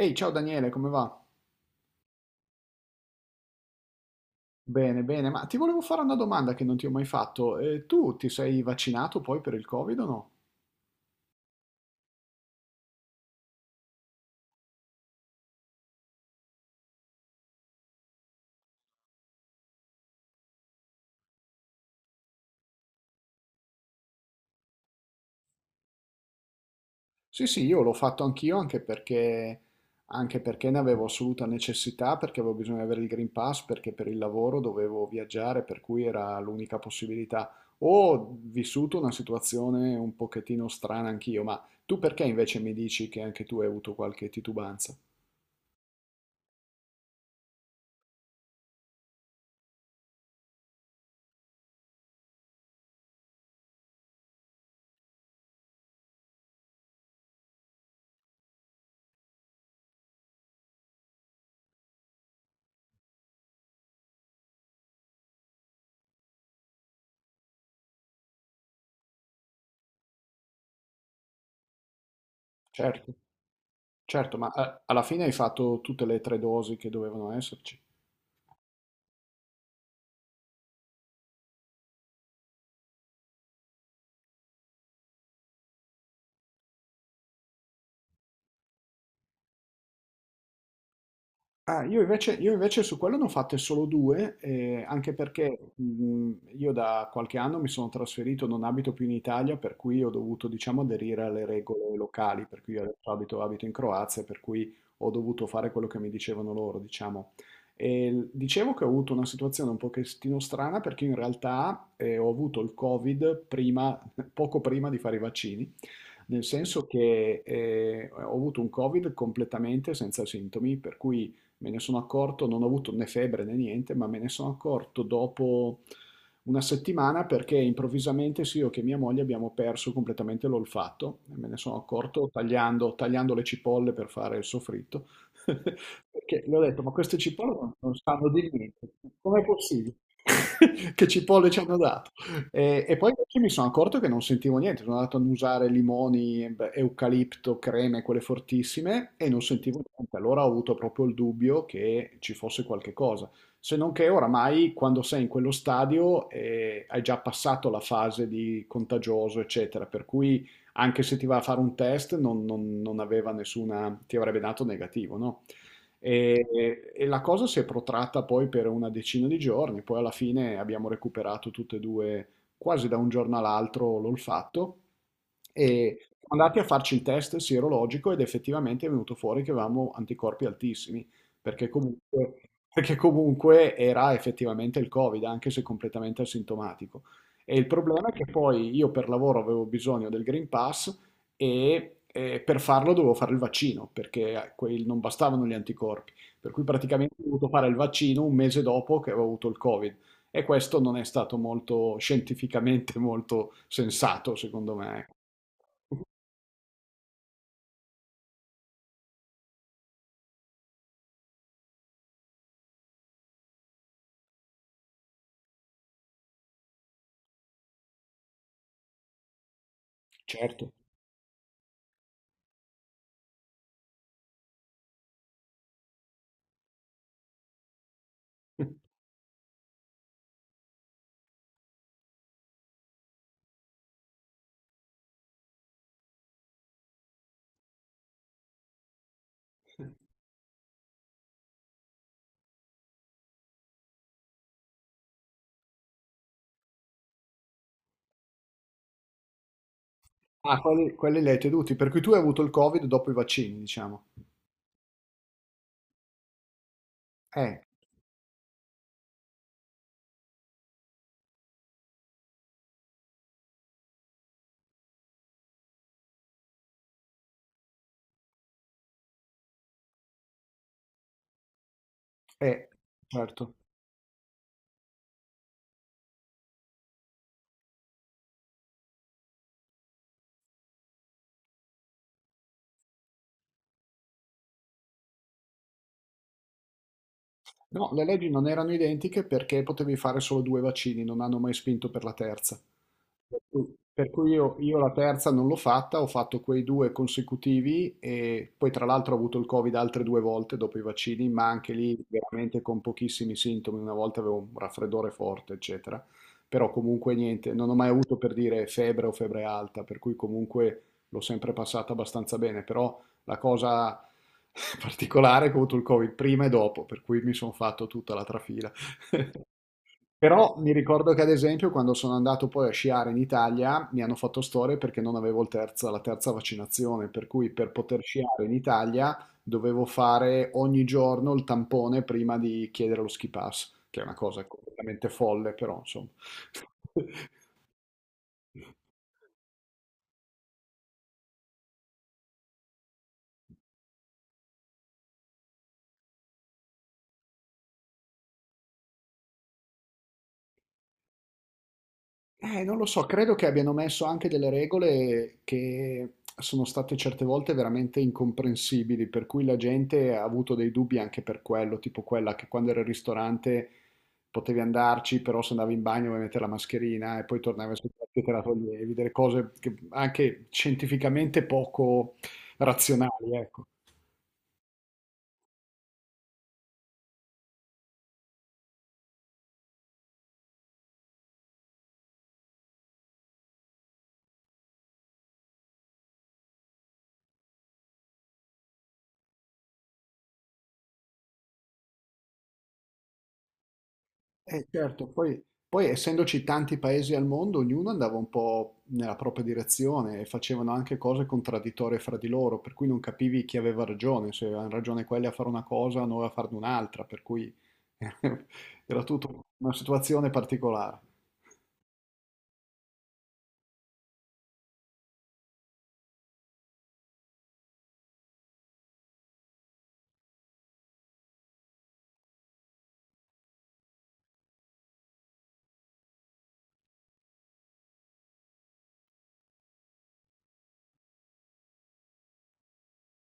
Ehi, ciao Daniele, come va? Bene, bene, ma ti volevo fare una domanda che non ti ho mai fatto. Tu ti sei vaccinato poi per il Covid o no? Sì, sì, io l'ho fatto anch'io anche perché ne avevo assoluta necessità, perché avevo bisogno di avere il Green Pass, perché per il lavoro dovevo viaggiare, per cui era l'unica possibilità. Ho vissuto una situazione un pochettino strana anch'io, ma tu perché invece mi dici che anche tu hai avuto qualche titubanza? Certo, certo, ma alla fine hai fatto tutte le tre dosi che dovevano esserci. Ah, io invece su quello ne ho fatte solo due, anche perché io da qualche anno mi sono trasferito, non abito più in Italia, per cui ho dovuto, diciamo, aderire alle regole locali, per cui io adesso abito in Croazia, per cui ho dovuto fare quello che mi dicevano loro, diciamo. Dicevo che ho avuto una situazione un pochettino strana perché in realtà ho avuto il Covid prima, poco prima di fare i vaccini, nel senso che ho avuto un Covid completamente senza sintomi, per cui... Me ne sono accorto, non ho avuto né febbre né niente, ma me ne sono accorto dopo una settimana perché improvvisamente sì, io che mia moglie abbiamo perso completamente l'olfatto. E me ne sono accorto tagliando le cipolle per fare il soffritto. Perché le ho detto, ma queste cipolle non sanno di niente. Com'è possibile? Che cipolle ci hanno dato? E poi invece mi sono accorto che non sentivo niente, sono andato ad usare limoni, beh, eucalipto, creme, quelle fortissime, e non sentivo niente. Allora ho avuto proprio il dubbio che ci fosse qualche cosa. Se non che oramai, quando sei in quello stadio, hai già passato la fase di contagioso, eccetera, per cui anche se ti va a fare un test non, non- non aveva nessuna, ti avrebbe dato negativo, no? E, e la cosa si è protratta poi per una decina di giorni, poi alla fine abbiamo recuperato tutte e due quasi da un giorno all'altro l'olfatto e siamo andati a farci il test sierologico ed effettivamente è venuto fuori che avevamo anticorpi altissimi, perché comunque era effettivamente il Covid, anche se completamente asintomatico. E il problema è che poi io per lavoro avevo bisogno del Green Pass per farlo dovevo fare il vaccino, perché non bastavano gli anticorpi. Per cui praticamente ho dovuto fare il vaccino un mese dopo che avevo avuto il Covid. E questo non è stato molto scientificamente molto sensato, secondo me. Certo. Ah, quelli li hai tenuti, per cui tu hai avuto il Covid dopo i vaccini, diciamo. Eh, eh, certo. No, le leggi non erano identiche perché potevi fare solo due vaccini, non hanno mai spinto per la terza. Per cui io la terza non l'ho fatta, ho fatto quei due consecutivi e poi tra l'altro ho avuto il Covid altre due volte dopo i vaccini, ma anche lì veramente con pochissimi sintomi, una volta avevo un raffreddore forte, eccetera. Però comunque niente, non ho mai avuto per dire febbre o febbre alta, per cui comunque l'ho sempre passata abbastanza bene, però la cosa particolare è che ho avuto il Covid prima e dopo, per cui mi sono fatto tutta la trafila. Però mi ricordo che ad esempio quando sono andato poi a sciare in Italia mi hanno fatto storie perché non avevo il la terza vaccinazione, per cui per poter sciare in Italia dovevo fare ogni giorno il tampone prima di chiedere lo ski pass, che è una cosa completamente folle, però insomma. Non lo so, credo che abbiano messo anche delle regole che sono state certe volte veramente incomprensibili, per cui la gente ha avuto dei dubbi anche per quello, tipo quella che quando era al ristorante potevi andarci, però se andavi in bagno dovevi mettere la mascherina e poi tornavi sul piatto e te la toglievi, delle cose che anche scientificamente poco razionali, ecco. Certo, poi essendoci tanti paesi al mondo, ognuno andava un po' nella propria direzione e facevano anche cose contraddittorie fra di loro, per cui non capivi chi aveva ragione, se avevano ragione quelli a fare una cosa, o noi a farne un'altra, per cui era tutta una situazione particolare.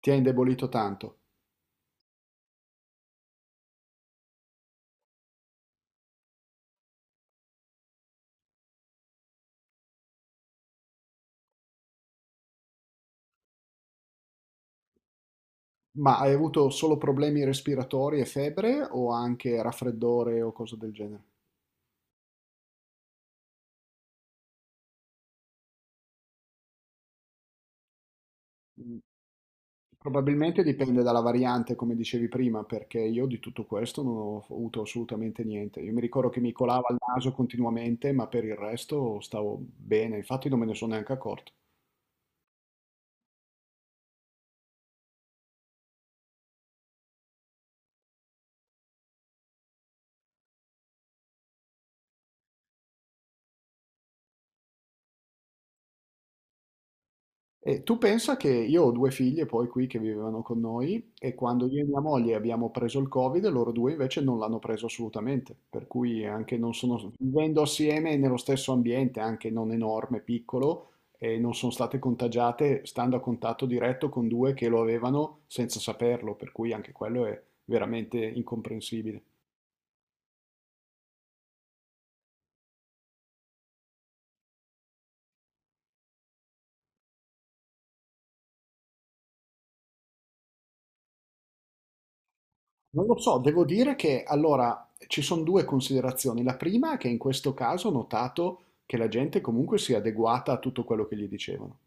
Ti ha indebolito tanto. Ma hai avuto solo problemi respiratori e febbre o anche raffreddore o cose del genere? Mh. Probabilmente dipende dalla variante, come dicevi prima, perché io di tutto questo non ho f avuto assolutamente niente. Io mi ricordo che mi colava il naso continuamente, ma per il resto stavo bene, infatti non me ne sono neanche accorto. E tu pensa che io ho due figlie poi qui che vivevano con noi e quando io e mia moglie abbiamo preso il Covid, loro due invece non l'hanno preso assolutamente, per cui anche non sono, vivendo assieme nello stesso ambiente, anche non enorme, piccolo, e non sono state contagiate stando a contatto diretto con due che lo avevano senza saperlo, per cui anche quello è veramente incomprensibile. Non lo so, devo dire che allora ci sono due considerazioni. La prima è che in questo caso ho notato che la gente comunque si è adeguata a tutto quello che gli dicevano,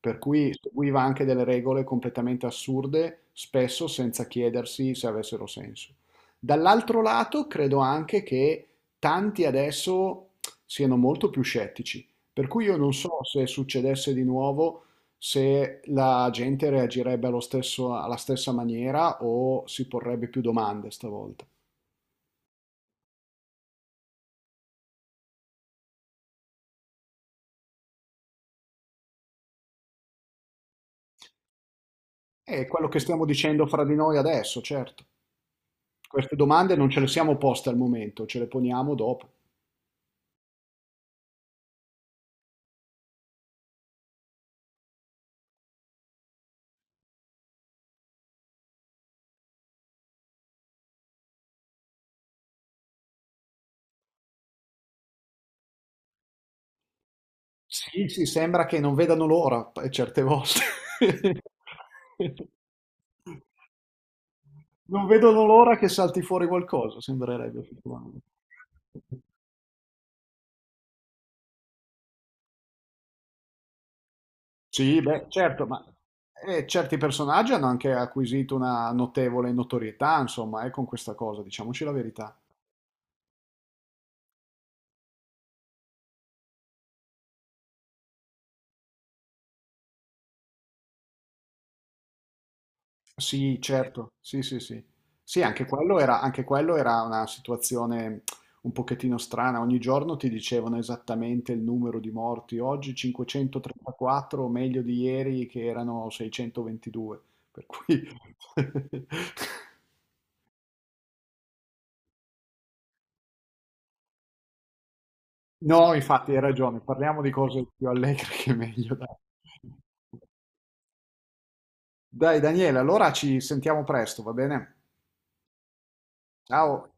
per cui seguiva anche delle regole completamente assurde, spesso senza chiedersi se avessero senso. Dall'altro lato, credo anche che tanti adesso siano molto più scettici, per cui io non so se succedesse di nuovo se la gente reagirebbe alla stessa maniera o si porrebbe più domande stavolta. È quello che stiamo dicendo fra di noi adesso, certo. Queste domande non ce le siamo poste al momento, ce le poniamo dopo. Sì, sì, sembra che non vedano l'ora, certe volte. Non vedono l'ora che salti fuori qualcosa, sembrerebbe. Effettivamente. Sì, beh, certo, ma certi personaggi hanno anche acquisito una notevole notorietà, insomma, con questa cosa, diciamoci la verità. Sì, certo, sì, sì, sì. Sì, anche quello era una situazione un pochettino strana. Ogni giorno ti dicevano esattamente il numero di morti. Oggi 534, meglio di ieri che erano 622. Per cui... No, infatti hai ragione, parliamo di cose più allegre che meglio, dai. Dai Daniele, allora ci sentiamo presto, va bene? Ciao.